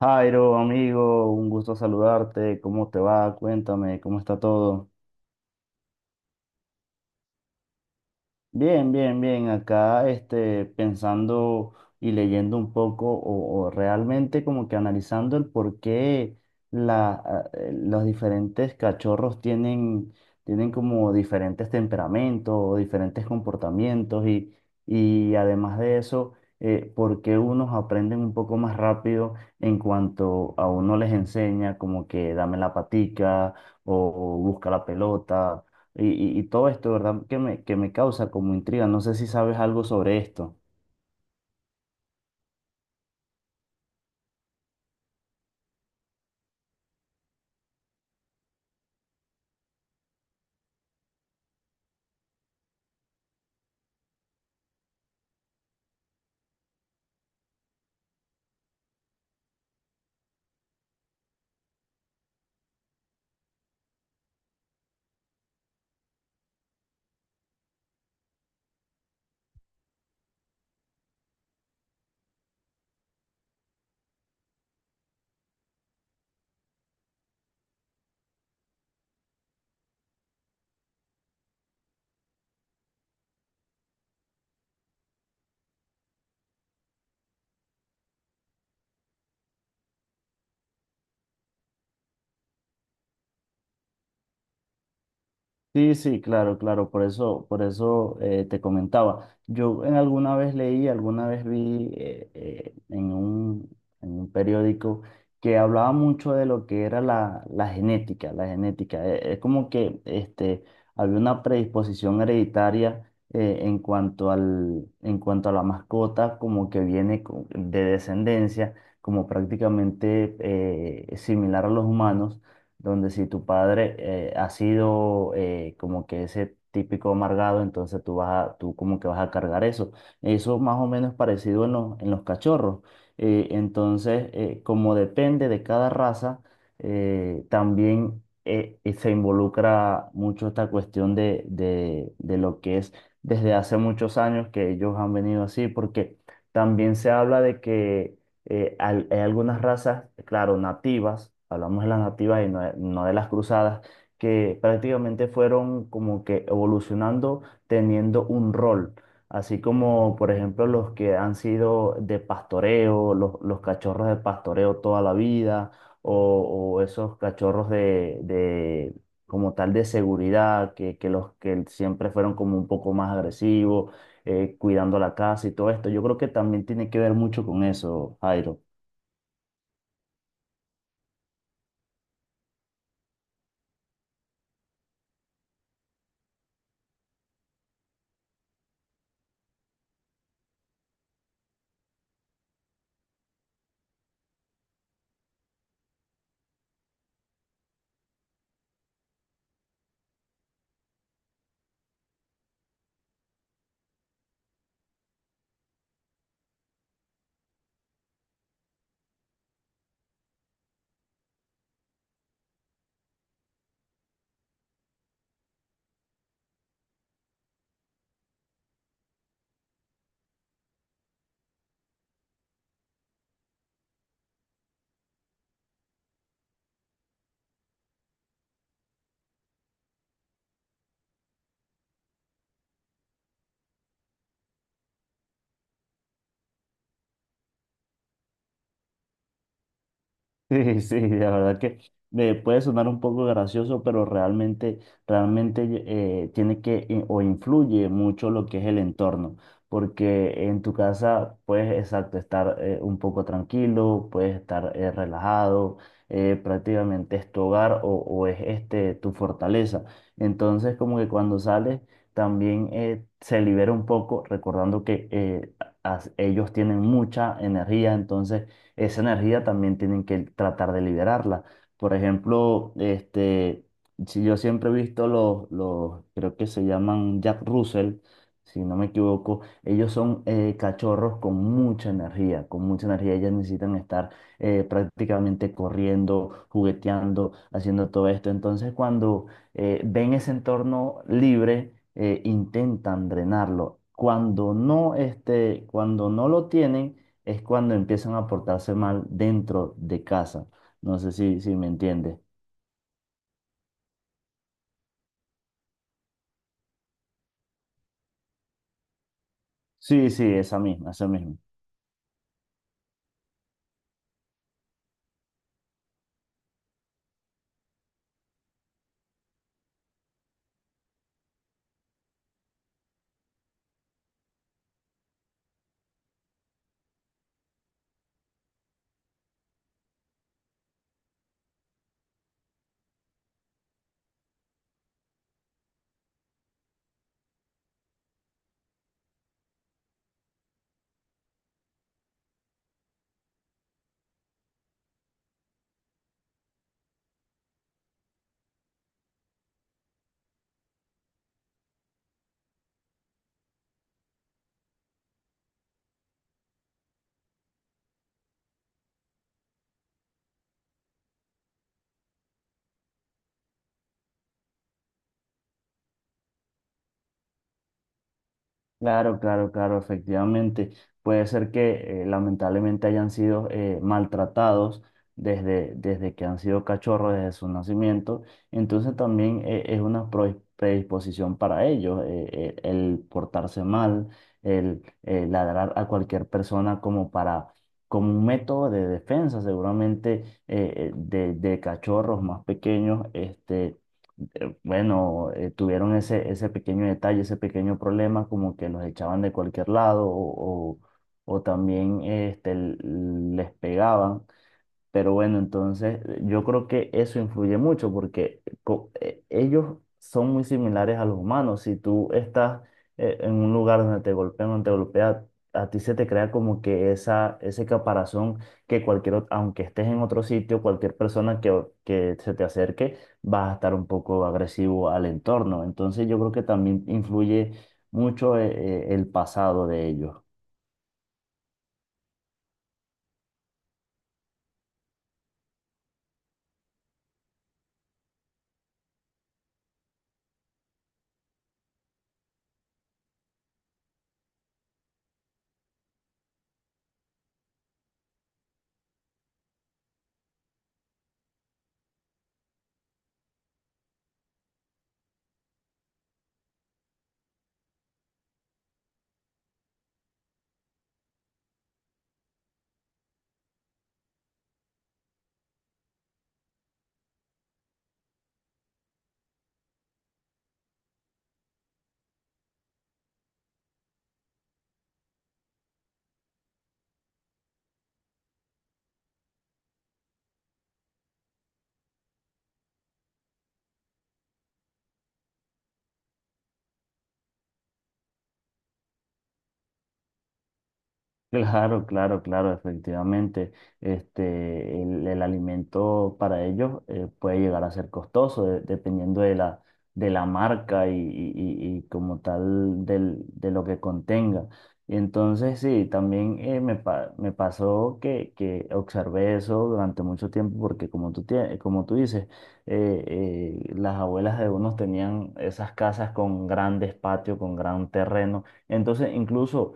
Jairo, amigo, un gusto saludarte. ¿Cómo te va? Cuéntame, ¿cómo está todo? Bien, bien, bien. Acá pensando y leyendo un poco o realmente como que analizando el por qué los diferentes cachorros tienen, tienen como diferentes temperamentos o diferentes comportamientos y además de eso, por qué unos aprenden un poco más rápido en cuanto a uno les enseña como que dame la patica o busca la pelota y, y todo esto, ¿verdad? Que me causa como intriga. No sé si sabes algo sobre esto. Sí, sí, claro, claro, por eso te comentaba. Yo en alguna vez leí, alguna vez vi en en un periódico que hablaba mucho de lo que era la genética, la genética. Es como que había una predisposición hereditaria en cuanto en cuanto a la mascota, como que viene de descendencia, como prácticamente similar a los humanos donde si tu padre ha sido como que ese típico amargado, entonces tú como que vas a cargar eso. Eso más o menos es parecido en en los cachorros. Como depende de cada raza, también se involucra mucho esta cuestión de lo que es desde hace muchos años que ellos han venido así, porque también se habla de que hay algunas razas, claro, nativas, hablamos de las nativas y no de, no de las cruzadas, que prácticamente fueron como que evolucionando teniendo un rol, así como por ejemplo los que han sido de pastoreo, los cachorros de pastoreo toda la vida, o esos cachorros de como tal de seguridad, que los que siempre fueron como un poco más agresivos cuidando la casa y todo esto. Yo creo que también tiene que ver mucho con eso, Jairo. Sí, sí, la verdad que puede sonar un poco gracioso, pero realmente, realmente tiene que o influye mucho lo que es el entorno, porque en tu casa puedes, exacto, estar un poco tranquilo, puedes estar relajado, prácticamente es tu hogar o es este tu fortaleza. Entonces, como que cuando sales, también se libera un poco, recordando que ellos tienen mucha energía, entonces esa energía también tienen que tratar de liberarla. Por ejemplo, este, si yo siempre he visto los, creo que se llaman Jack Russell, si no me equivoco, ellos son cachorros con mucha energía, con mucha energía. Ellas necesitan estar prácticamente corriendo, jugueteando, haciendo todo esto. Entonces, cuando ven ese entorno libre, intentan drenarlo. Cuando no, este, cuando no lo tienen, es cuando empiezan a portarse mal dentro de casa. No sé si me entiendes. Sí, sí, esa misma, esa misma. Claro, claro, claro, efectivamente. Puede ser que lamentablemente hayan sido maltratados desde, desde que han sido cachorros, desde su nacimiento. Entonces también es una predisposición para ellos el portarse mal, el ladrar a cualquier persona como para, como un método de defensa, seguramente de cachorros más pequeños. Este, bueno, tuvieron ese, ese pequeño detalle, ese pequeño problema, como que los echaban de cualquier lado o también este, les pegaban. Pero bueno, entonces yo creo que eso influye mucho porque ellos son muy similares a los humanos. Si tú estás en un lugar donde te golpean, donde te golpea, a ti se te crea como que esa, ese caparazón que cualquier, aunque estés en otro sitio, cualquier persona que se te acerque va a estar un poco agresivo al entorno. Entonces yo creo que también influye mucho el pasado de ellos. Claro, claro, claro, efectivamente. Este, el alimento para ellos puede llegar a ser costoso dependiendo de de la marca y y como tal del, de lo que contenga. Y entonces sí, también me pasó que observé eso durante mucho tiempo porque como como tú dices, eh, las abuelas de unos tenían esas casas con grandes patios, con gran terreno. Entonces incluso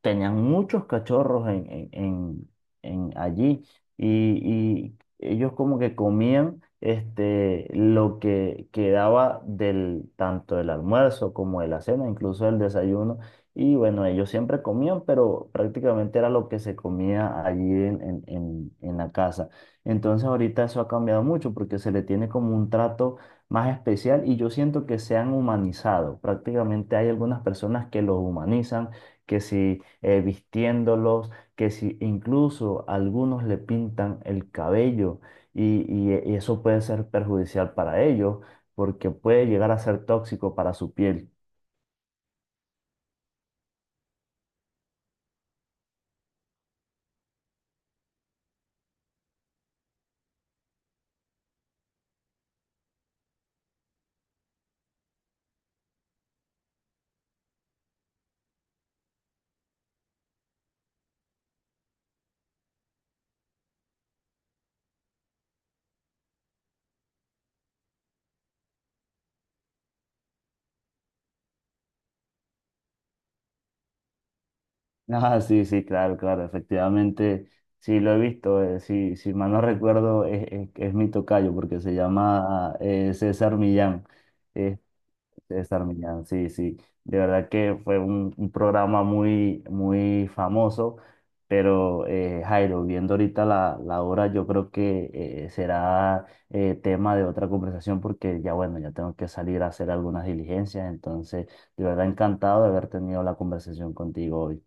tenían muchos cachorros en allí y ellos como que comían este, lo que quedaba del, tanto del almuerzo como de la cena, incluso del desayuno. Y bueno, ellos siempre comían, pero prácticamente era lo que se comía allí en la casa. Entonces ahorita eso ha cambiado mucho porque se le tiene como un trato más especial y yo siento que se han humanizado. Prácticamente hay algunas personas que los humanizan, que si vistiéndolos, que si incluso algunos le pintan el cabello y eso puede ser perjudicial para ellos porque puede llegar a ser tóxico para su piel. Ah, sí, sí, claro, claro, efectivamente, sí lo he visto, sí, si mal no recuerdo es mi tocayo porque se llama César Millán. César Millán, sí, sí. De verdad que fue un programa muy, muy famoso, pero Jairo, viendo ahorita la hora, yo creo que será tema de otra conversación porque ya bueno, ya tengo que salir a hacer algunas diligencias, entonces de verdad encantado de haber tenido la conversación contigo hoy.